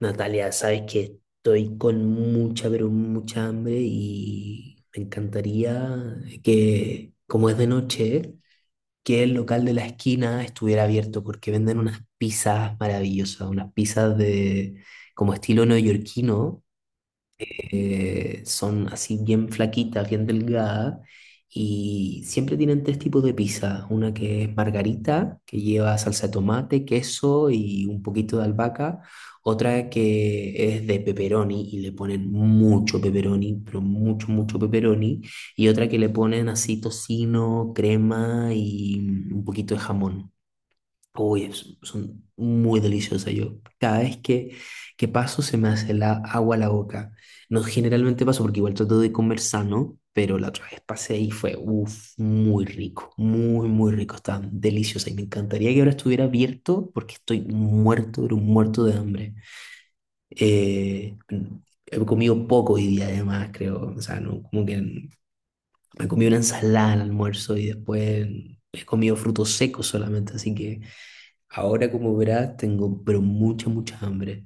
Natalia, sabes que estoy con mucha, pero mucha hambre y me encantaría que, como es de noche, que el local de la esquina estuviera abierto porque venden unas pizzas maravillosas, unas pizzas de como estilo neoyorquino. Son así bien flaquitas, bien delgadas, y siempre tienen tres tipos de pizza. Una que es margarita, que lleva salsa de tomate, queso y un poquito de albahaca. Otra que es de pepperoni y le ponen mucho pepperoni, pero mucho, mucho pepperoni. Y otra que le ponen así tocino, crema y un poquito de jamón. Uy, son muy deliciosas. Yo que paso se me hace la agua a la boca. No, generalmente paso porque igual trato de comer sano, pero la otra vez pasé y fue, uff, muy rico, muy, muy rico. Está deliciosa y me encantaría que ahora estuviera abierto porque estoy muerto, pero muerto de hambre. Eh, He comido poco hoy día además, creo. O sea, no, como que me comí una ensalada al almuerzo y después he comido frutos secos solamente, así que ahora como verás tengo pero mucha, mucha hambre.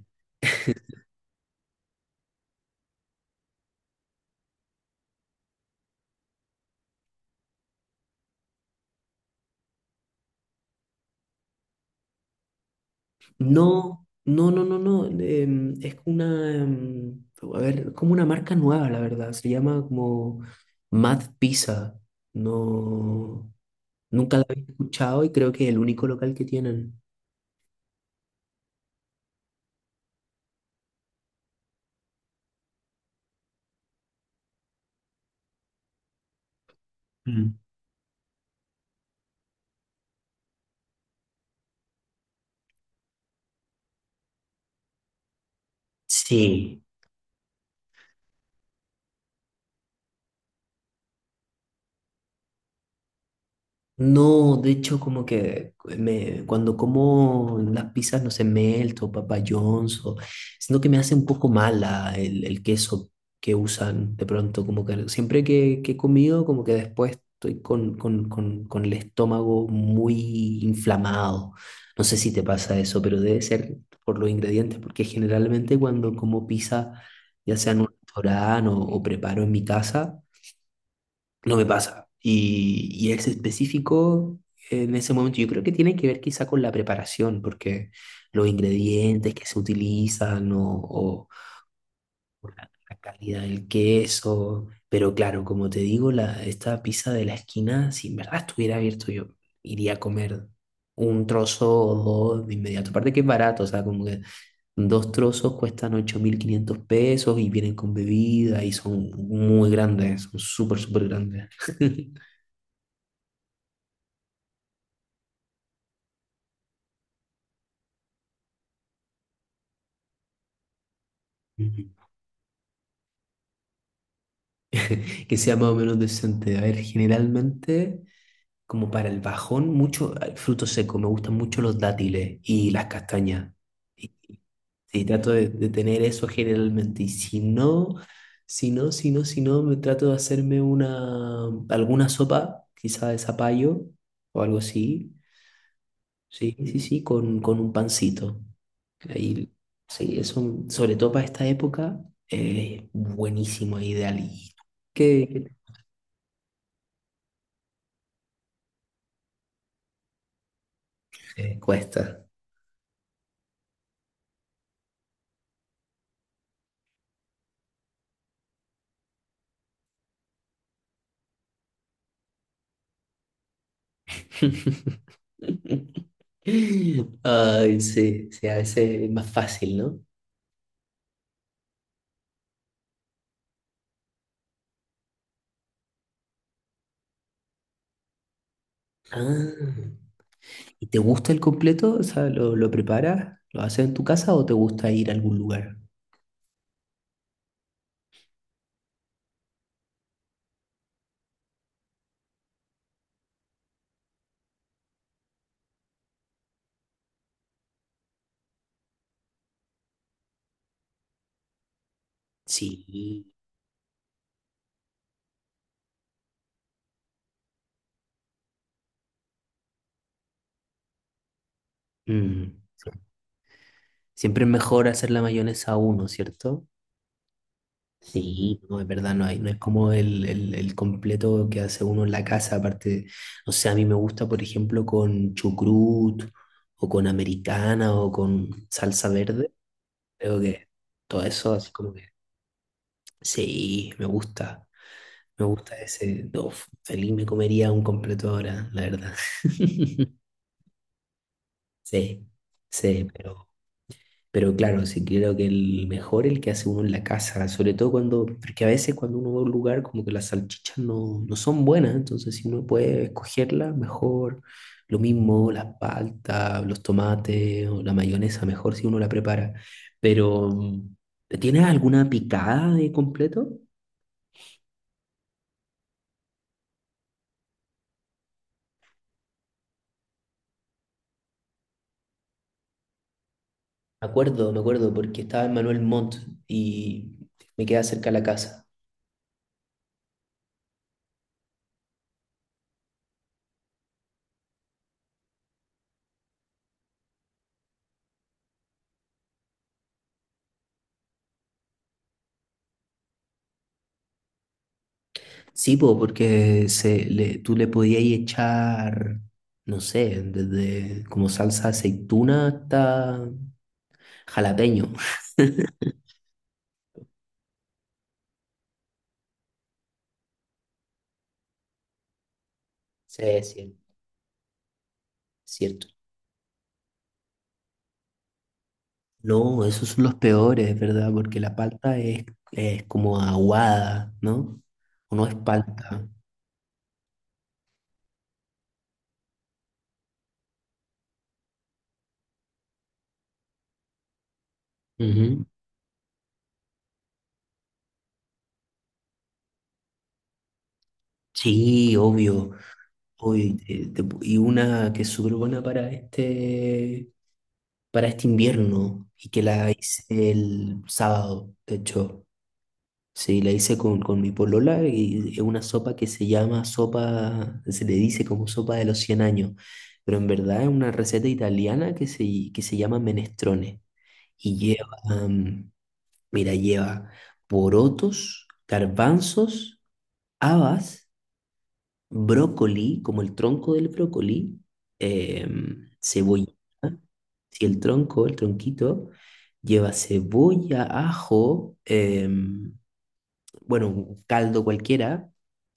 No, no, no, no, no, es una, a ver, es como una marca nueva, la verdad, se llama como Mad Pizza. No, nunca la había escuchado y creo que es el único local que tienen. Mm. Sí. No, de hecho, como que me, cuando como las pizzas, no sé, Melt o Papa John's, o, siento que me hace un poco mala el queso que usan de pronto, como que siempre que he comido, como que después estoy con el estómago muy inflamado. No sé si te pasa eso, pero debe ser por los ingredientes, porque generalmente cuando como pizza, ya sea en un restaurante o preparo en mi casa, no me pasa. Y es específico en ese momento. Yo creo que tiene que ver quizá con la preparación, porque los ingredientes que se utilizan o la calidad del queso. Pero claro, como te digo, la, esta pizza de la esquina, si en verdad estuviera abierto, yo iría a comer un trozo o dos de inmediato. Aparte que es barato, o sea, como que dos trozos cuestan $8.500 y vienen con bebida y son muy grandes, son súper, súper grandes. Ujú. Que sea más o menos decente. A ver, generalmente, como para el bajón, mucho fruto seco. Me gustan mucho los dátiles y las castañas. Y sí, trato de tener eso generalmente. Y si no, si no, si no, me trato de hacerme una, alguna sopa, quizá de zapallo o algo así. Sí, sí, sí, con un pancito. Ahí, sí, eso, sobre todo para esta época, es buenísimo, ideal. ¿Y qué cuesta. Ay, sí, sí, a veces es más fácil, ¿no? Ah, ¿y te gusta el completo? O sea, lo preparas? ¿Lo haces en tu casa o te gusta ir a algún lugar? Sí. Mm, sí. Siempre es mejor hacer la mayonesa a uno, ¿cierto? Sí, no, es verdad, no hay, no es como el completo que hace uno en la casa, aparte, o sea, a mí me gusta, por ejemplo, con chucrut o con americana o con salsa verde. Creo que todo eso, así como que sí, me gusta ese. Uf, feliz me comería un completo ahora, la verdad. Sí, sí, pero claro, sí creo que el mejor el que hace uno en la casa, sobre todo cuando, porque a veces cuando uno va a un lugar como que las salchichas no, no son buenas, entonces si uno puede escogerlas, mejor. Lo mismo, las paltas, los tomates o la mayonesa, mejor si uno la prepara. Pero, ¿tienes alguna picada de completo? Me acuerdo, porque estaba en Manuel Montt y me quedaba cerca de la casa. Sí, po, porque se, le, tú le podías echar, no sé, desde como salsa de aceituna hasta jalapeño. Sí, sí, cierto. No, esos son los peores, ¿verdad? Porque la palta es como aguada, ¿no? O no es palta. Ujú. Sí, obvio. Obvio. Y y una que es súper buena para este invierno y que la hice el sábado, de hecho. Sí, la hice con mi polola y es una sopa que se llama sopa, se le dice como sopa de los 100 años, pero en verdad es una receta italiana que se llama menestrone y lleva, mm, mira, lleva porotos, garbanzos, habas, brócoli, como el tronco del brócoli, cebolla. Si el tronco, el tronquito, lleva cebolla, ajo, bueno, un caldo cualquiera,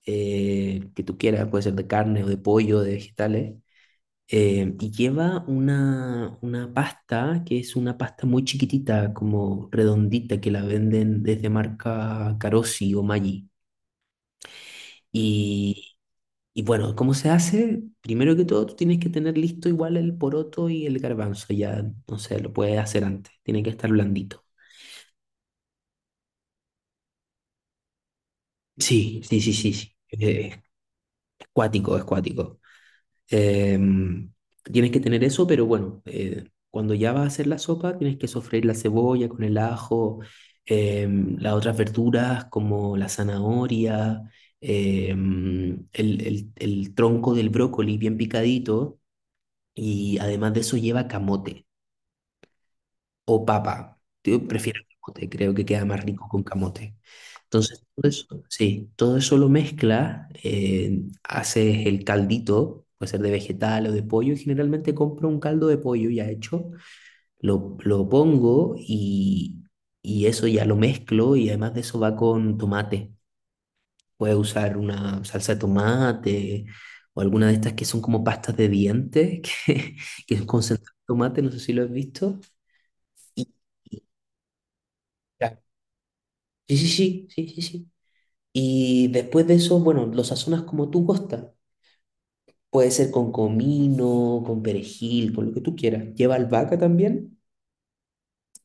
que tú quieras, puede ser de carne o de pollo, de vegetales, y lleva una pasta que es una pasta muy chiquitita, como redondita, que la venden desde marca Carosi o Maggi. Y y bueno, ¿cómo se hace? Primero que todo, tú tienes que tener listo igual el poroto y el garbanzo. Ya, no sé, lo puedes hacer antes. Tiene que estar blandito. Sí, sí, sí, sí, sí. Es cuático, es cuático. Em, tienes que tener eso, pero bueno, cuando ya vas a hacer la sopa, tienes que sofreír la cebolla con el ajo, las otras verduras como la zanahoria, el tronco del brócoli bien picadito, y además de eso lleva camote o papa. Yo prefiero camote, creo que queda más rico con camote. Entonces, todo eso, sí, todo eso lo mezclas, haces el caldito, puede ser de vegetal o de pollo, y generalmente compro un caldo de pollo ya hecho, lo pongo y eso ya lo mezclo y además de eso va con tomate. Puedes usar una salsa de tomate o alguna de estas que son como pastas de dientes, que es concentrado de tomate, no sé si lo has visto. Y sí, sí, sí, sí, sí, sí. Y después de eso, bueno, lo sazonas como tú gusta. Puede ser con comino, con perejil, con lo que tú quieras. Lleva albahaca también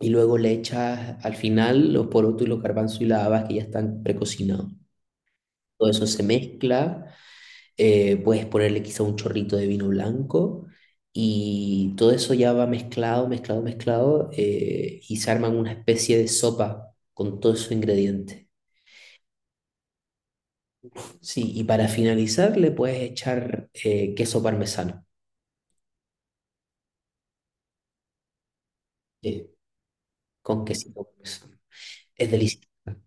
y luego le echas al final los porotos y los garbanzos y las habas que ya están precocinados. Todo eso se mezcla, puedes ponerle quizá un chorrito de vino blanco y todo eso ya va mezclado, mezclado, mezclado, y se arman una especie de sopa con todos esos ingredientes. Sí, y para finalizar le puedes echar queso parmesano, sí, con quesito parmesano. Es delicioso,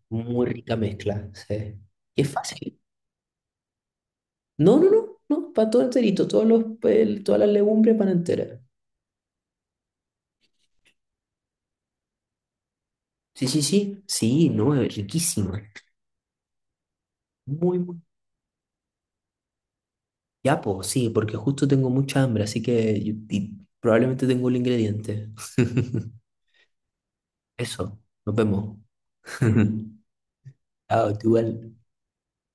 muy rica mezcla, sí. Y es fácil. No, no, no, no, para todo enterito, todos los, todas las legumbres para entera. Sí, sí, sí, sí, no, es riquísima. Muy, muy. Ya, pues, sí, porque justo tengo mucha hambre, así que y probablemente tengo el ingrediente. Eso, nos vemos. Chao, tú igual.